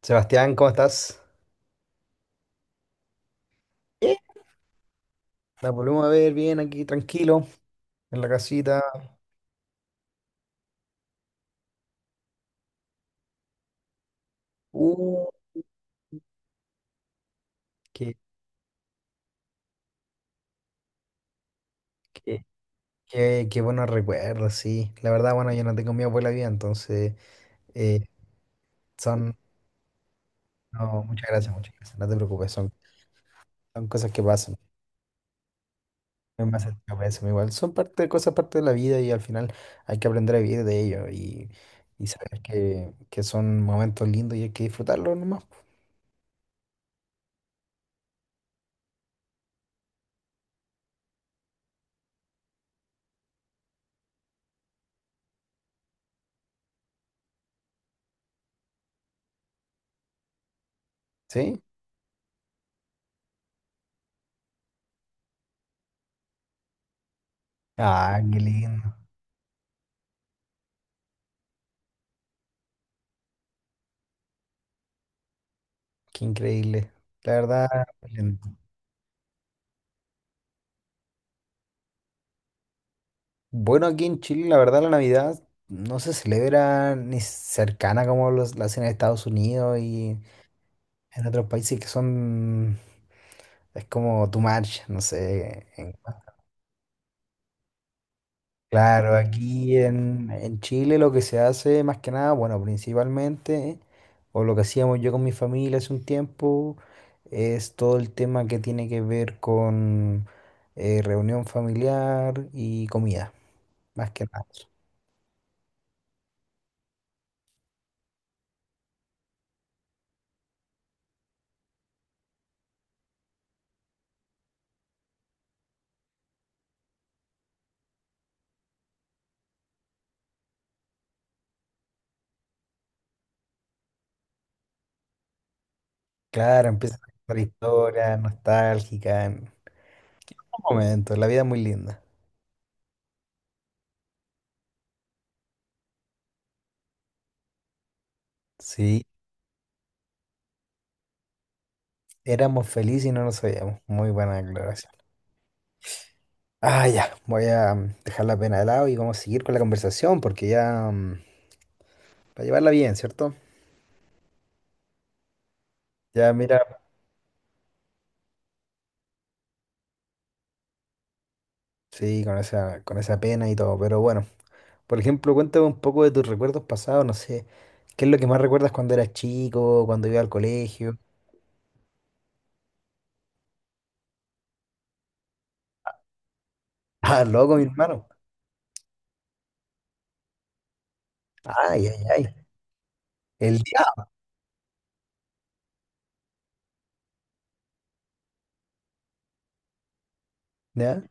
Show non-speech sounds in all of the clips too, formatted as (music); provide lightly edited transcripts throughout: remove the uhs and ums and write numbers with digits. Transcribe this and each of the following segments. Sebastián, ¿cómo estás? Eh, La volvemos a ver bien aquí, tranquilo, en la casita. Uh, qué, qué, qué buenos recuerdos, sí. La verdad, bueno, yo no tengo mi abuela viva, entonces eh, son. No, muchas gracias, muchas gracias. No te preocupes, son cosas que pasan. Es más, yo pienso igual. Son parte, cosas parte de la vida y al final hay que aprender a vivir de ello y saber que son momentos lindos y hay que disfrutarlos nomás, po. ¿Sí? Ah, qué lindo, qué increíble. La verdad, bueno, aquí en Chile, la verdad, la Navidad no se celebra ni cercana como la hacen en Estados Unidos y en otros países que son, es como tu marcha, no sé. Claro, aquí en Chile lo que se hace más que nada, bueno, principalmente, o lo que hacíamos yo con mi familia hace un tiempo, es todo el tema que tiene que ver con reunión familiar y comida, más que nada. Claro, empieza a contar historias nostálgicas. En Un momento, la vida es muy linda. Sí, éramos felices y no nos sabíamos. Muy buena declaración. Ah, ya, voy a dejar la pena de lado y vamos a seguir con la conversación porque ya, para llevarla bien, ¿cierto? Ya, mira, sí, con esa pena y todo, pero bueno. Por ejemplo, cuéntame un poco de tus recuerdos pasados, no sé, ¿qué es lo que más recuerdas cuando eras chico, cuando ibas al colegio? (laughs) Ah, loco, mi hermano. Ay, ay, ay. El diablo, ¿ya?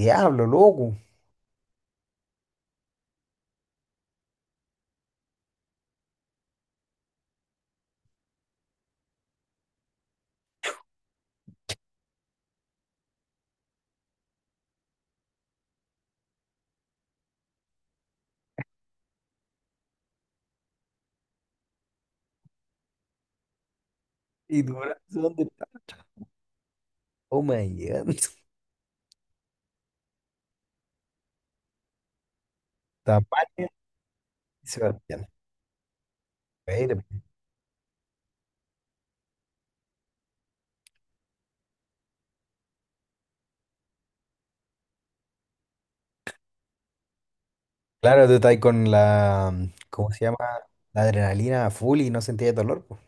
Diablo, loco. Y tu corazón de Tacoma llegando. (laughs) Tapachula y Sebastián. Pero, claro, tú estás con la, ¿cómo se llama? La adrenalina a full y no sentías dolor, pues.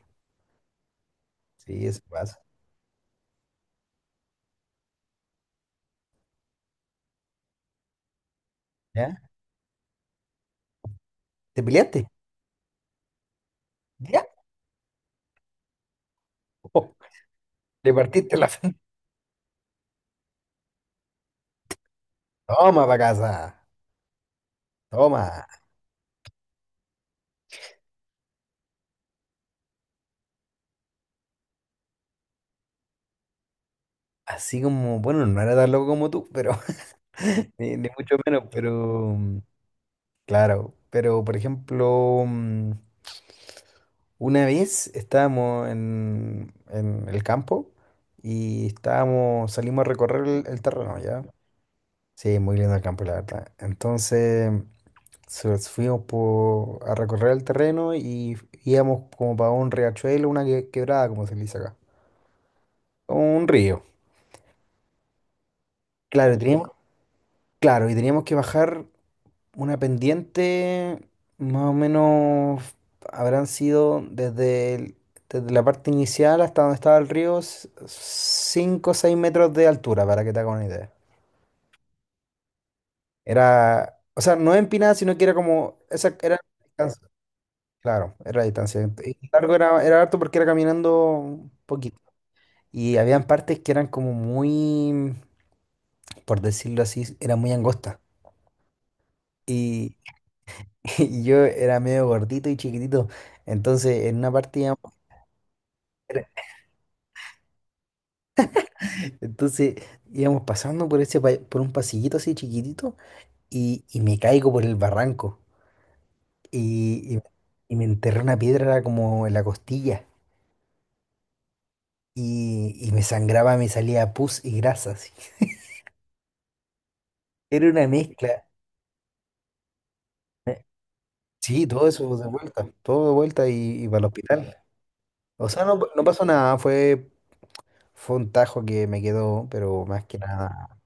Sí, eso pasa. ¿Ya? ¿Te peleaste? ¿Ya? Oh, le partiste la frente. Toma para casa. Toma. Así como, bueno, no era tan loco como tú, pero (laughs) ni, ni mucho menos, pero claro. Pero, por ejemplo, una vez estábamos en el campo y estábamos, salimos a recorrer el terreno, ¿ya? Sí, muy lindo el campo, la verdad. Entonces fuimos a recorrer el terreno y íbamos como para un riachuelo, una quebrada, como se le dice acá. Como un río. Claro, y teníamos, claro, y teníamos que bajar. Una pendiente, más o menos, habrán sido desde, desde la parte inicial hasta donde estaba el río, 5 o 6 metros de altura, para que te hagas una idea. Era, o sea, no empinada, sino que era como, esa era la distancia, claro, era la distancia. Y largo era, era harto porque era caminando un poquito. Y habían partes que eran como muy, por decirlo así, era muy angosta. Y, (laughs) y yo era medio gordito y chiquitito. Entonces, en una parte entonces íbamos pasando por ese por un pasillito así chiquitito y me caigo por el barranco y, y- y me enterré una piedra como en la costilla y me sangraba, me salía pus y grasa así. (laughs) Era una mezcla. eh, Sí, todo eso de vuelta, todo de vuelta y para el hospital. O sea, no, no pasó nada, fue, fue un tajo que me quedó, pero más que nada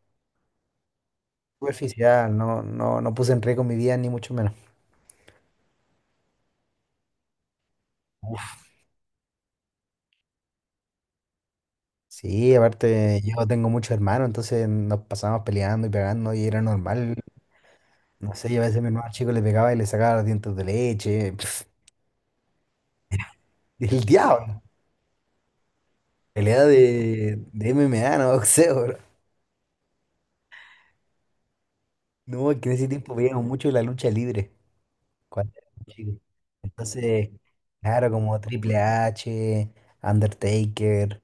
superficial, no, no, no puse en riesgo mi vida ni mucho menos. Sí, aparte yo tengo muchos hermanos, entonces nos pasábamos peleando y pegando y era normal. No sé, yo a veces mi hermano chico le pegaba y le sacaba los dientes de leche. (laughs) El diablo. Pelea de MMA, no (laughs) boxeo, bro. No, es que en ese tiempo veíamos mucho la lucha libre cuando éramos chicos. Entonces, claro, como Triple H, Undertaker.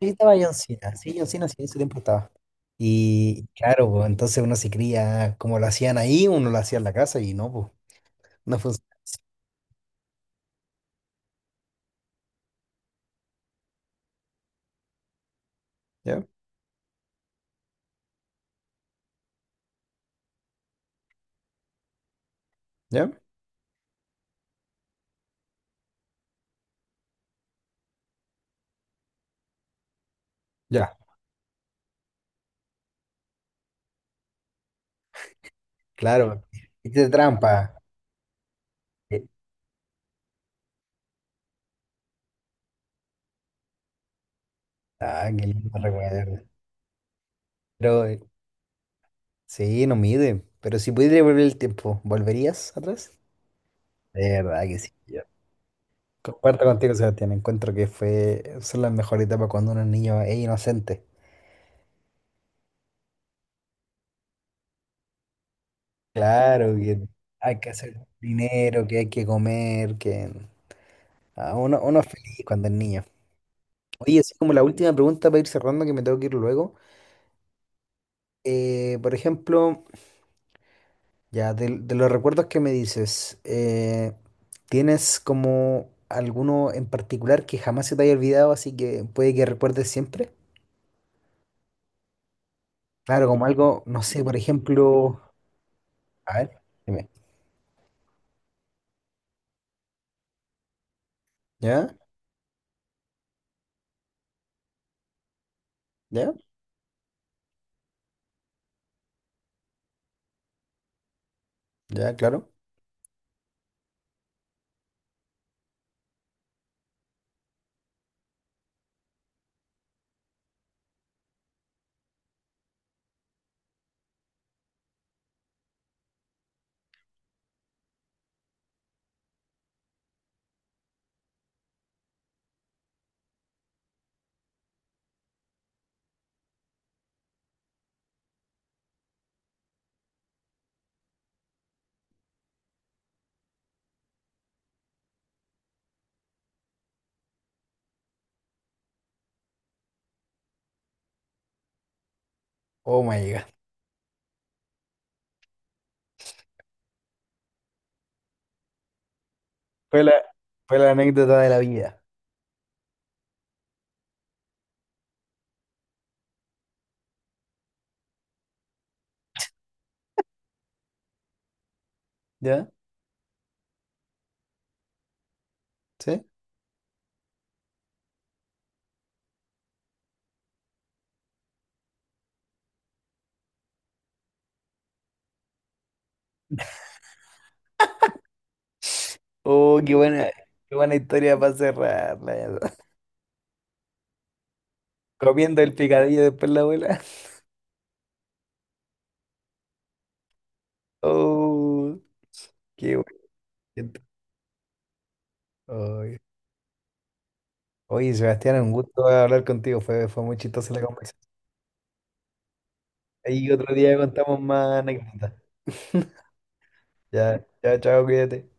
Sí, estaba John Cena. Sí, John Cena sí, en ese tiempo estaba. Y claro, pues, entonces uno se cría como lo hacían ahí, uno lo hacía en la casa y no, pues. No funciona así. ¿Ya? ¿Ya? Ya, claro. Hice trampa. Eh, Ah, qué lindo recuerdo. Pero sí, no mide. Pero si pudieras volver el tiempo, ¿volverías atrás? De verdad que sí. Yo comparto contigo, Sebastián. Encuentro que fue, son las mejores etapas cuando uno es niño es inocente. Claro, que hay que hacer dinero, que hay que comer, que ah, uno, uno es feliz cuando es niño. Oye, así como la última pregunta para ir cerrando, que me tengo que ir luego. Por ejemplo, ya, de los recuerdos que me dices, ¿tienes como alguno en particular que jamás se te haya olvidado, así que puede que recuerdes siempre? Claro, como algo, no sé, por ejemplo, a ver, dime. ¿Ya? ¿Ya? ¿Ya? Claro. Oh my God. Fue la, fue la anécdota de la vida. ¿Ya? ¿Sí? Oh, qué buena historia para cerrarla ya. (laughs) Comiendo el picadillo después la abuela. Oh, qué bueno. Ay. Oye, Sebastián, un gusto hablar contigo. Fue, fue muy chistosa la conversación. Ahí otro día contamos más anécdotas. (laughs) Ya, ya, chao, cuídate.